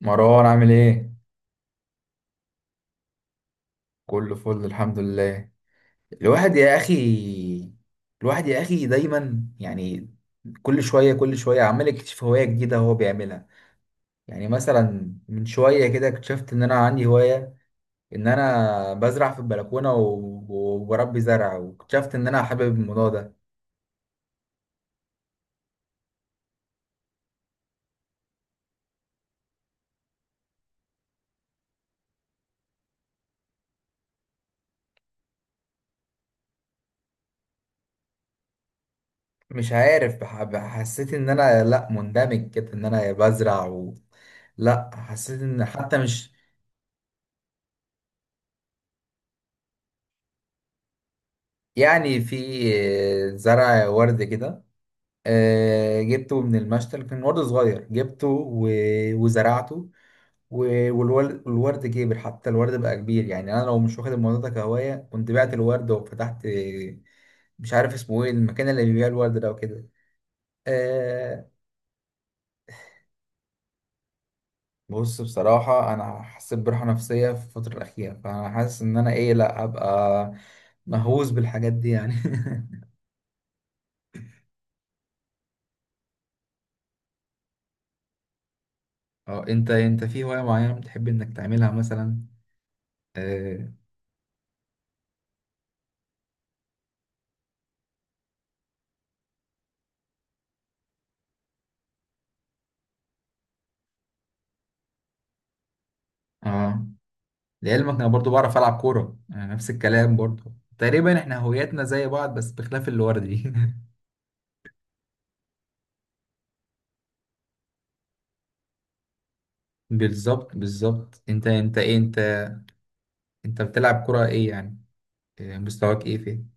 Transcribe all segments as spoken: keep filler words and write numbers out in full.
مروان عامل ايه؟ كله فل الحمد لله. الواحد يا اخي الواحد يا اخي دايما يعني. كل شوية كل شوية عمال يكتشف هواية جديدة هو بيعملها. يعني مثلا من شوية كده اكتشفت ان انا عندي هواية، ان انا بزرع في البلكونة و- وبربي زرع، واكتشفت ان انا حابب الموضوع ده. مش عارف بح- حسيت ان انا، لا، مندمج كده ان انا بزرع و... لا، حسيت ان حتى مش يعني، في زرع ورد كده. آه، جبته من المشتل، كان ورد صغير جبته و... وزرعته. و- والورد الورد كبر، حتى الورد بقى كبير. يعني انا لو مش واخد الموضوع ده كهوايه كنت بعت الورد وفتحت، آه، مش عارف اسمه ايه، المكان اللي بيبيع الورد ده وكده. آه. بص، بصراحه انا حسيت براحه نفسيه في الفتره الاخيره، فانا حاسس ان انا ايه، لا ابقى مهووس بالحاجات دي يعني. اه، انت انت في هوايه معينه بتحب انك تعملها مثلا؟ اه. آه. لعلمك انا برضو بعرف العب كوره، يعني نفس الكلام برضو تقريبا، احنا هوياتنا زي بعض بس بخلاف الورد دي. بالظبط، بالظبط. انت انت ايه انت انت بتلعب كوره ايه يعني؟ إيه مستواك، ايه فين؟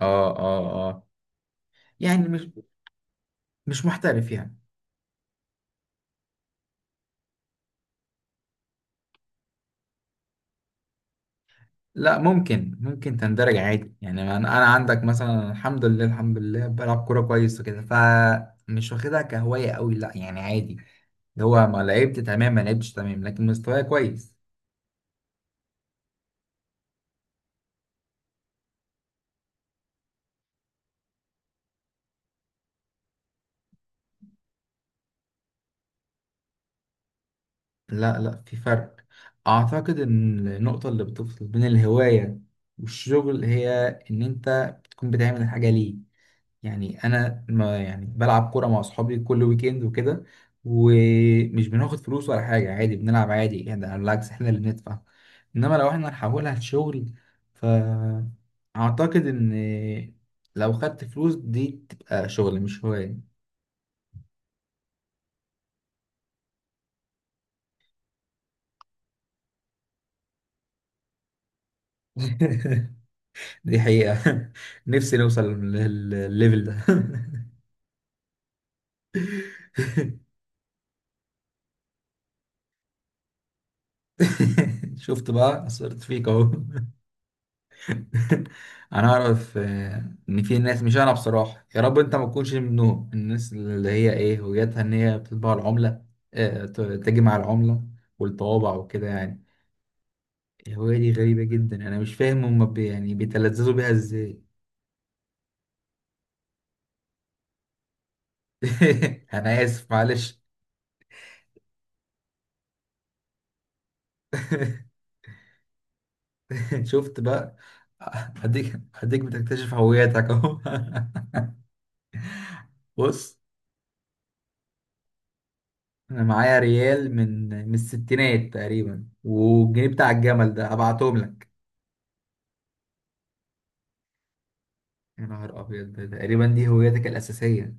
اه اه اه يعني مش، مش محترف يعني؟ لا، ممكن، ممكن تندرج عادي يعني. انا انا عندك مثلا، الحمد لله، الحمد لله، بلعب كوره كويس وكده، فمش واخدها كهوايه قوي، لا يعني عادي. اللي هو ما لعبت تمام ما لعبتش تمام، لكن مستواي كويس. لا لا، في فرق. اعتقد ان النقطة اللي بتفصل بين الهواية والشغل هي ان انت بتكون بتعمل الحاجة ليه. يعني انا، ما يعني بلعب كورة مع اصحابي كل ويكند وكده، ومش بناخد فلوس ولا حاجة، عادي بنلعب عادي يعني. ده بالعكس، احنا اللي بندفع. انما لو احنا نحولها لشغل، فاعتقد ان لو خدت فلوس دي تبقى شغل مش هواية. دي حقيقة. نفسي نوصل لل- للليفل ده. شفت بقى، اثرت فيك اهو. انا اعرف، آه، ان في ناس، مش انا بصراحه، يا رب انت ما تكونش منهم، الناس اللي هي ايه، وجهتها ان هي بتطبع العمله، آه، ت- تجمع العمله والطوابع وكده يعني. الهوايه دي غريبه جدا، انا مش فاهم هم بي يعني بيتلذذوا بيها ازاي. انا اسف، معلش. شفت بقى، هديك هديك بتكتشف هويتك اهو. بص، انا معايا ريال من من الستينات تقريبا، والجنيه بتاع الجمل ده هبعتهم لك. يا نهار ابيض، ده تقريبا دي هويتك الاساسيه.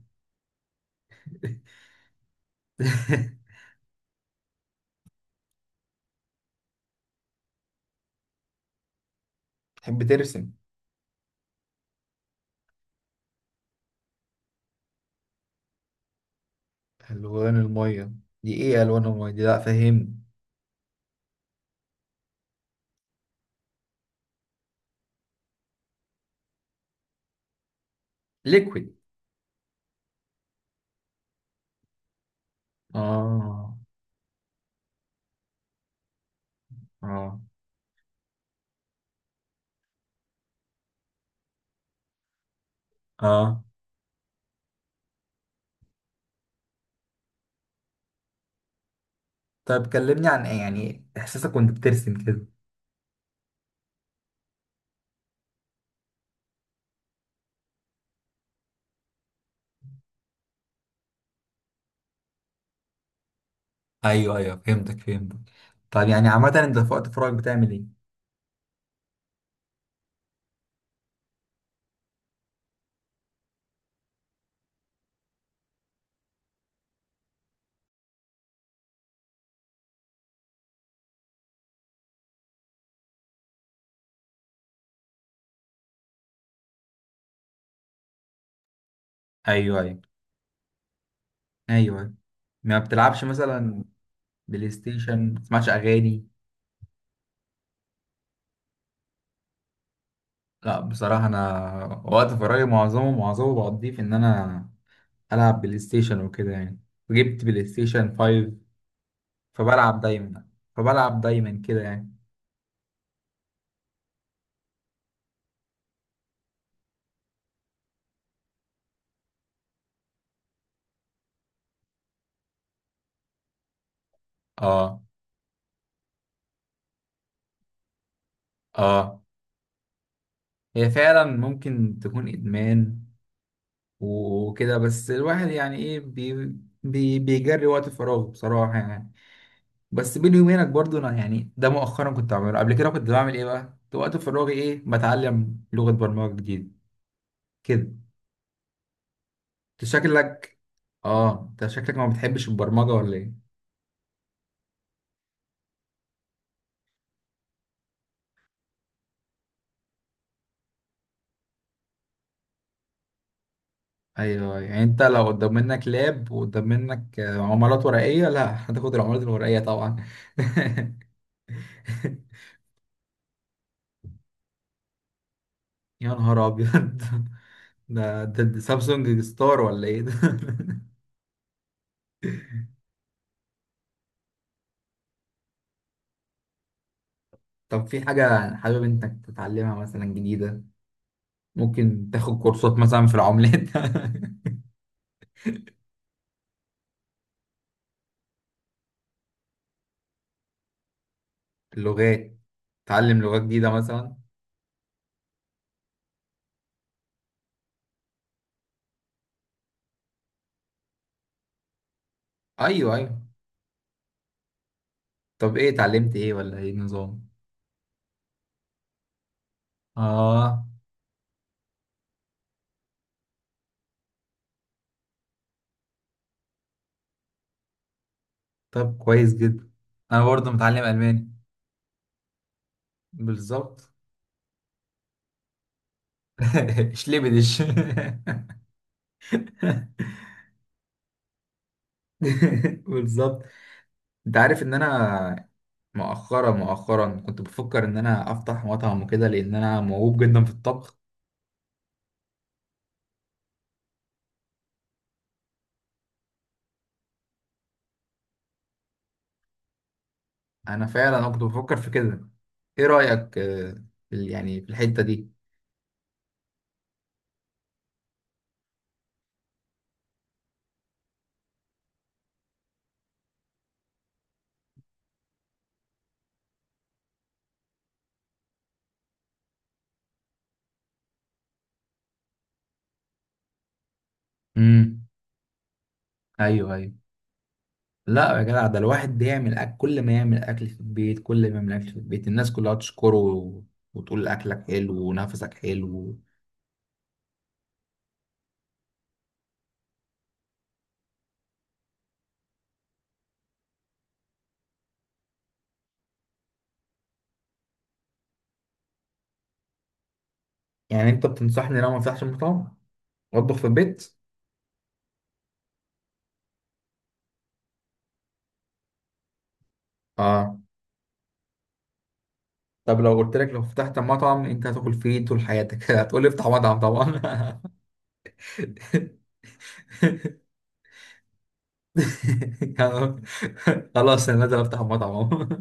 تحب ترسم. الوان الميه، دي ايه الوان الميه دي؟ لا فهمني. ليكويد. اه اه اه طب كلمني عن ايه يعني، احساسك وانت بترسم كده. ايوه ايوه، فهمتك فهمتك. طب يعني عامه انت في وقت فراغك بتعمل ايه؟ ايوه ايوه ايوه ما بتلعبش مثلا بلاي ستيشن؟ ما بتسمعش اغاني؟ لا بصراحة، أنا وقت فراغي معظمه معظمه بقضيه في إن أنا ألعب بلاي ستيشن وكده يعني. جبت بلاي ستيشن خمسة فبلعب دايما، فبلعب دايما كده يعني. آه. آه. هي فعلا ممكن تكون إدمان وكده، بس الواحد يعني إيه، بي بي بيجري وقت فراغه بصراحة يعني. بس بيني وبينك برضو، أنا يعني ده مؤخرا كنت بعمله، قبل كده كنت بعمل إيه بقى؟ كنت وقت فراغي إيه، بتعلم لغة برمجة جديدة كده. انت شكلك، اه انت شكلك ما بتحبش البرمجة ولا ايه؟ ايوه ايوه. يعني انت لو قدام منك لاب وقدام منك، آه، عملات ورقية، لا هتاخد العملات الورقية طبعا. يا نهار ابيض، ده ده ده سامسونج ستار ولا ايه ده؟ طب في حاجة حابب انك تتعلمها مثلا جديدة؟ ممكن تاخد كورسات مثلا في العملات. اللغات، تعلم لغات جديدة مثلا. ايوه ايوه. طب ايه، اتعلمت ايه، ولا ايه النظام؟ اه. طب كويس جدا. انا برضه متعلم الماني. بالظبط. شلبدش. بالظبط. انت عارف ان انا، مؤخرا مؤخرا كنت بفكر ان انا افتح مطعم وكده، لان انا موهوب جدا في الطبخ. انا فعلا انا كنت بفكر في كده. ايه رأيك، آه، في ال- يعني في الحتة دي؟ امم. ايوه ايوه. لا يا جدع، ده الواحد بيعمل أكل، كل ما يعمل اكل في البيت، كل ما يعمل اكل في البيت الناس كلها تشكره، و- وتقول اكلك حلو ونفسك حلو. يعني انت بتنصحني لو ما افتحش مطعم واطبخ في البيت؟ اه. طب لو قلت لك، لو فتحت مطعم انت هتاكل فيه إيه طول حياتك؟ هتقول لي افتح مطعم طبعا. خلاص انا نازل افتح مطعم اهو.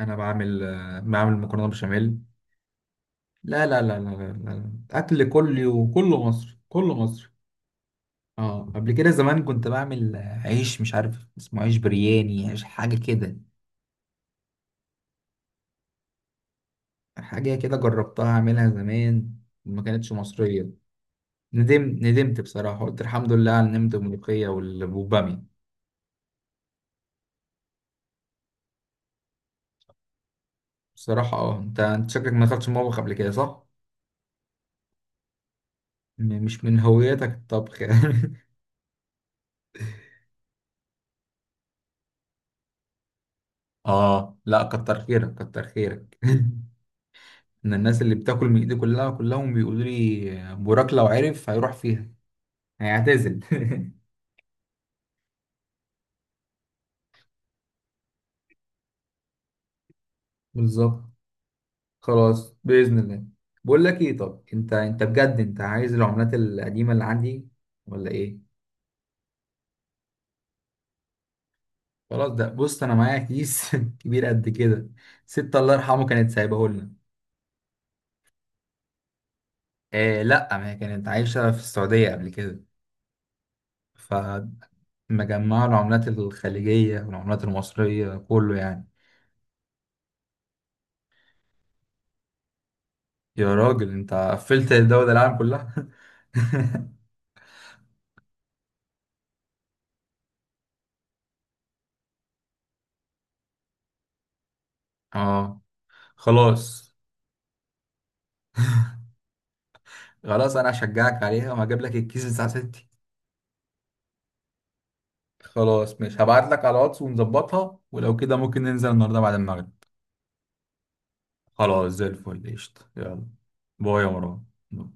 انا بعمل، آه، بعمل مكرونه بشاميل. لا لا لا لا لا لا. اكل كل يوم كله مصري، كله مصري. اه، قبل كده زمان كنت بعمل، آه، عيش مش عارف اسمه، عيش برياني، عيش حاجه كده. حاجه كده جربتها اعملها زمان، ما كانتش مصريه. ندمت ندمت بصراحة، قلت الحمد لله على النمت والملوخية وال- والبامية. بصراحة اه، انت انت شكلك ما دخلتش المطبخ قبل كده صح؟ م- مش من هويتك الطبخ يعني. اه لا، كتر خيرك، كتر خيرك. ان الناس اللي بتاكل من ايدي كلها، كلهم بيقولوا لي بوراك لو عرف هيروح فيها، هيعتزل. بالظبط. خلاص بإذن الله. بقول لك ايه، طب انت، انت بجد انت عايز العملات القديمة اللي عندي ولا ايه؟ خلاص، ده بص انا معايا كيس كبير قد كده، ست الله يرحمه كانت سايباه لنا. آه لا، ما هي كانت عايشه في السعوديه قبل كده، فمجمعه العملات الخليجيه والعملات المصريه كله يعني. يا راجل انت قفلت الدول العالم كلها. اه. خلاص، خلاص انا هشجعك عليها وهجيب لك الكيس بتاع ستي. خلاص مش هبعت لك على واتس ونظبطها، ولو كده ممكن ننزل النهارده بعد المغرب. خلاص، زي الفل، قشطة، يلا. باي يا مروان.